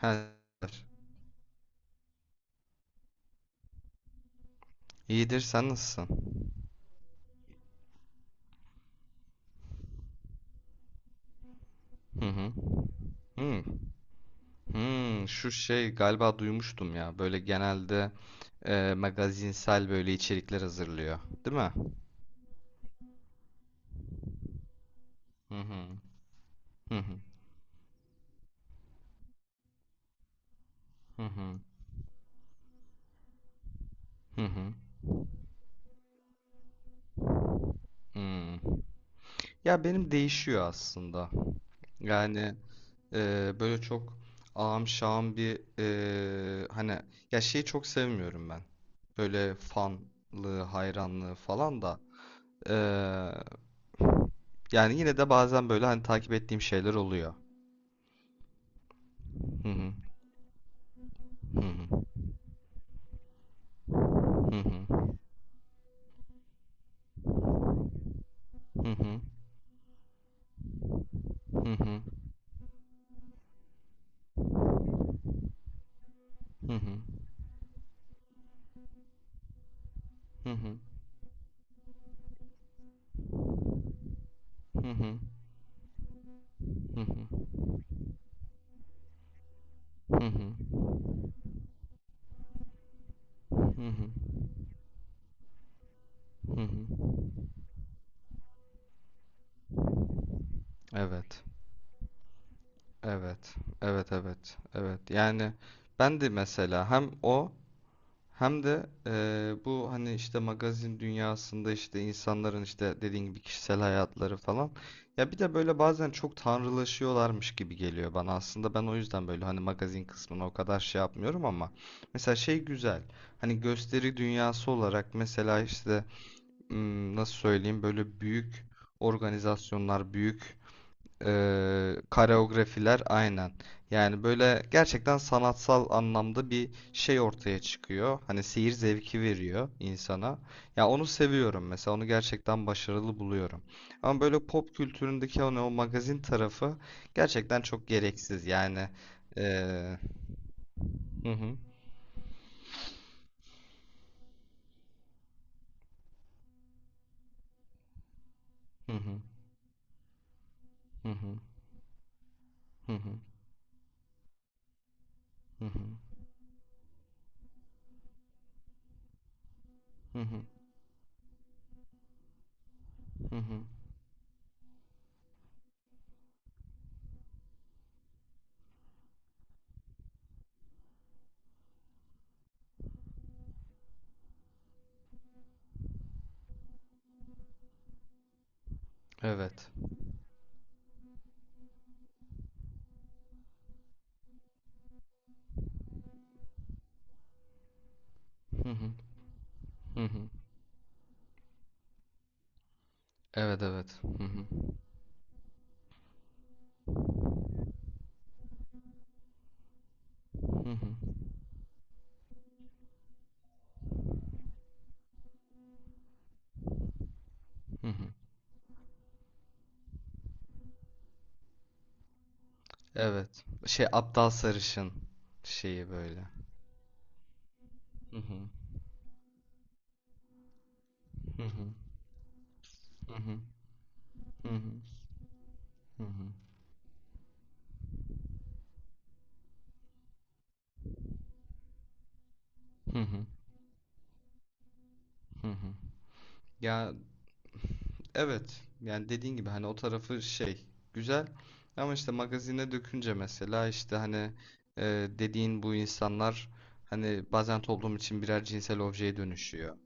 Her iyidir, sen nasılsın? Hı hı. Hmm. Hmm, şu şey galiba duymuştum ya. Böyle genelde magazinsel böyle içerikler hazırlıyor, değil mi? Hı hı. Hı hı. Hı hı. Hı hı. Hmm. Ya benim değişiyor aslında. Yani böyle çok ağam şağam bir hani ya şeyi çok sevmiyorum ben. Böyle fanlığı, hayranlığı falan da. E, Yani yine de bazen böyle hani takip ettiğim şeyler oluyor. Hı hı. Hı hı. Hı hı. Hı hı. Hı hı. Hı hı. Hı hı. Hı hı. Hı hı. Hı hı. Hı hı. Hı hı. Evet. Evet. Evet, evet. Evet. Yani ben de mesela hem o hem de bu hani işte magazin dünyasında işte insanların işte dediğin gibi kişisel hayatları falan. Ya bir de böyle bazen çok tanrılaşıyorlarmış gibi geliyor bana. Aslında ben o yüzden böyle hani magazin kısmına o kadar şey yapmıyorum ama mesela şey güzel. Hani gösteri dünyası olarak mesela işte nasıl söyleyeyim böyle büyük organizasyonlar, büyük koreografiler aynen. Yani böyle gerçekten sanatsal anlamda bir şey ortaya çıkıyor. Hani seyir zevki veriyor insana. Ya onu seviyorum mesela. Onu gerçekten başarılı buluyorum. Ama böyle pop kültüründeki hani o magazin tarafı gerçekten çok gereksiz. Yani ee, hı hı hı hı hı hı hı hı hı hı hı hı hı hı. Evet. Hı hı hı hı. Evet, evet. Hı hı hı hı hı hı. Evet. Şey aptal sarışın şeyi böyle. Hı hı. Hı hı. Hı hı. Hı hı. Hı hı. Hı hı. Hı hı. Ya evet. Yani dediğin gibi hani o tarafı şey güzel ama işte magazine dökünce mesela işte hani e, dediğin bu insanlar hani bazen toplum için birer cinsel objeye dönüşüyor.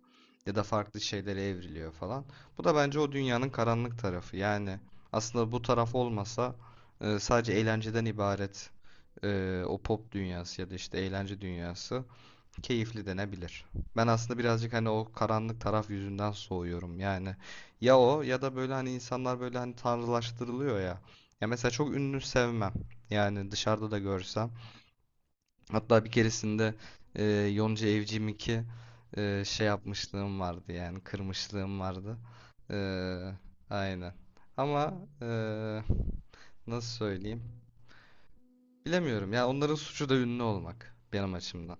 Ya da farklı şeylere evriliyor falan. Bu da bence o dünyanın karanlık tarafı. Yani aslında bu taraf olmasa sadece eğlenceden ibaret o pop dünyası ya da işte eğlence dünyası keyifli denebilir. Ben aslında birazcık hani o karanlık taraf yüzünden soğuyorum. Yani ya o ya da böyle hani insanlar böyle hani tanrılaştırılıyor ya. Ya mesela çok ünlü sevmem. Yani dışarıda da görsem. Hatta bir keresinde e, Yonca Evcimik'i şey yapmışlığım vardı yani kırmışlığım vardı. E, aynen. Ama e, nasıl söyleyeyim? Bilemiyorum ya onların suçu da ünlü olmak benim açımdan.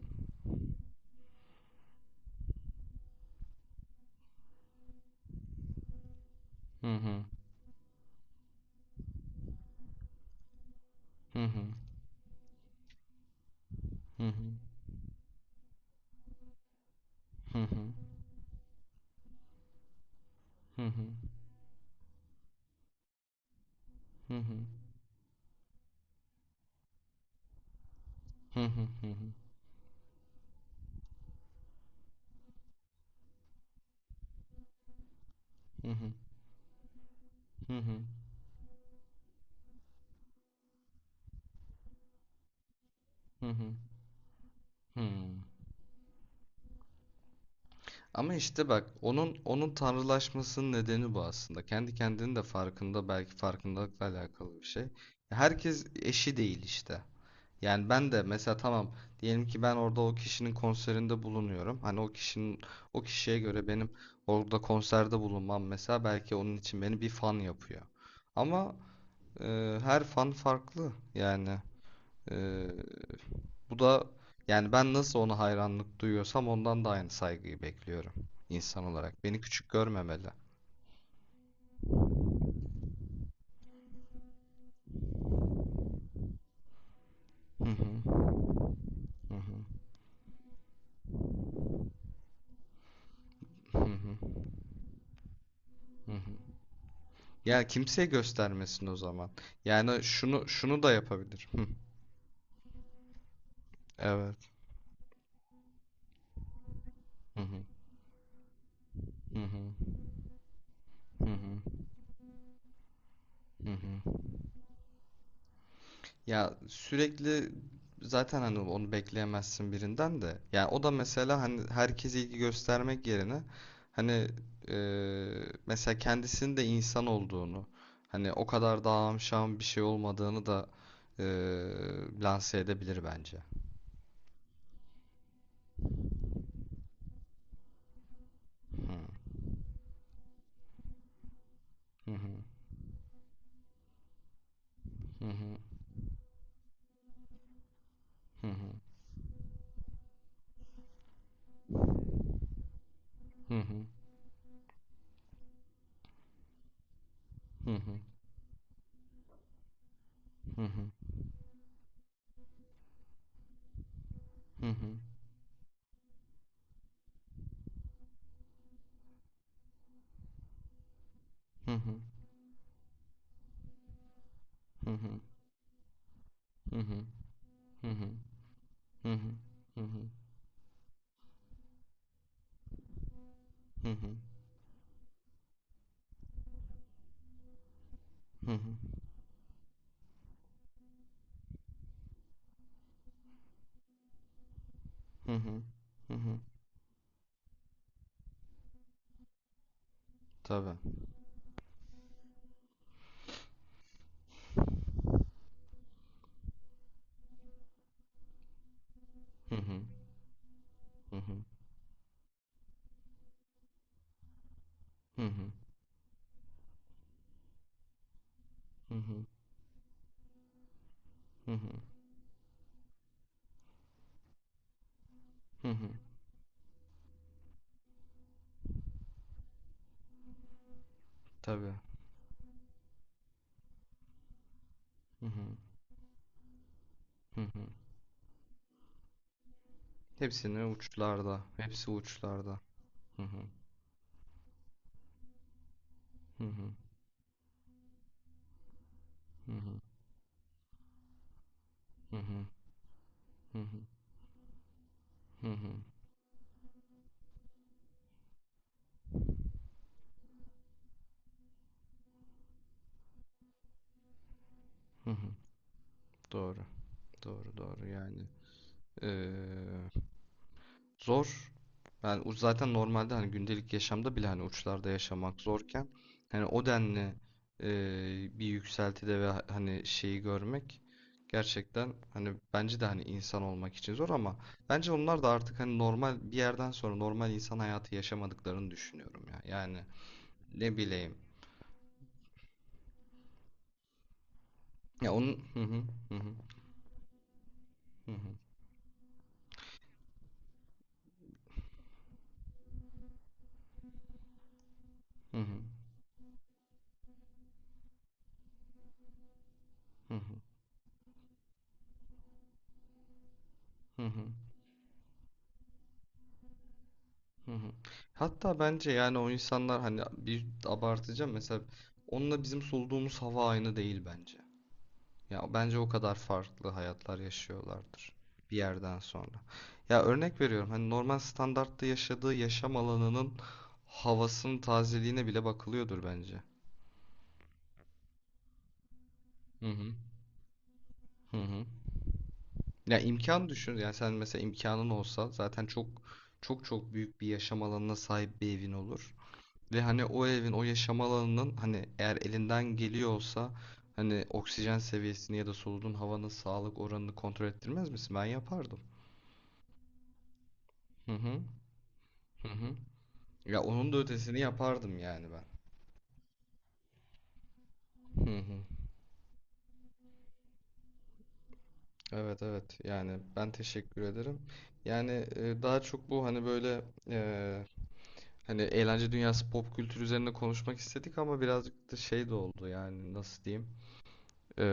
Hı hı. Hı hı. Hı hı. Hı hı. Hı hı. Hı hı. Hı hı. Hı hı. Hı hı. Hı hı. Hı hı. Hı. Ama işte bak onun tanrılaşmasının nedeni bu aslında. Kendi kendinin de farkında, belki farkındalıkla alakalı bir şey. Herkes eşi değil işte. Yani ben de mesela, tamam, diyelim ki ben orada o kişinin konserinde bulunuyorum. Hani o kişinin, o kişiye göre benim orada konserde bulunmam mesela belki onun için beni bir fan yapıyor. Ama her fan farklı yani. E, Bu da, yani ben nasıl ona hayranlık duyuyorsam ondan da aynı saygıyı bekliyorum insan olarak. Beni küçük görmemeli. Hı hı, hı hı, hı hı, hı hı. Ya kimseye göstermesin o zaman. Yani şunu şunu da yapabilir. Hı, evet. Hı hı, hı hı, hı hı, hı hı. Ya sürekli zaten hani onu bekleyemezsin birinden de. Yani o da mesela hani herkese ilgi göstermek yerine hani mesela kendisinin de insan olduğunu, hani o kadar da amşan bir şey olmadığını da lanse edebilir bence. Hı hı hı hı hı hı hı hı hı hı hı hı hı hı hı hı hı hı hı hı hı hı hı hı hı hı hı hı. Tabii. Hı hı. Hı hı. Hı hı. Hı hı. Hı hı. Hı hı. Tabii. Hı hı. Hı hı. Hepsini uçlarda. Hepsi uçlarda. Hı hı. Hı hı. Hı hı. Hı hı. Hı hı. Hı hı. Hı hı. Doğru. Doğru, doğru. Yani zor. Yani zaten normalde hani gündelik yaşamda bile hani uçlarda yaşamak zorken hani o denli bir yükseltide ve hani şeyi görmek gerçekten hani bence de hani insan olmak için zor, ama bence onlar da artık hani normal bir yerden sonra normal insan hayatı yaşamadıklarını düşünüyorum ya. Yani ne bileyim. Ya onun hı hı hı hı hı hı hı hı hı hı. Hı hı. Hatta bence yani o insanlar hani, bir abartacağım mesela, onunla bizim soluduğumuz hava aynı değil bence. Ya bence o kadar farklı hayatlar yaşıyorlardır bir yerden sonra. Ya örnek veriyorum, hani normal standartta yaşadığı yaşam alanının havasının tazeliğine bile bakılıyordur bence. Hı hı. Hı hı. Ya imkan düşün. Yani sen mesela, imkanın olsa zaten çok çok çok büyük bir yaşam alanına sahip bir evin olur. Ve hani o evin, o yaşam alanının, hani eğer elinden geliyorsa, hani oksijen seviyesini ya da soluduğun havanın sağlık oranını kontrol ettirmez misin? Ben yapardım. Hı hı. Hı hı. Ya onun da ötesini yapardım yani ben. Hı hı. Evet, evet, yani ben teşekkür ederim. Yani daha çok bu hani böyle e, hani eğlence dünyası, pop kültür üzerine konuşmak istedik ama birazcık da şey de oldu, yani nasıl diyeyim. E,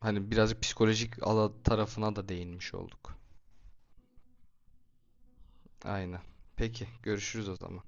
hani birazcık psikolojik ala tarafına da değinmiş olduk. Aynen. Peki, görüşürüz o zaman.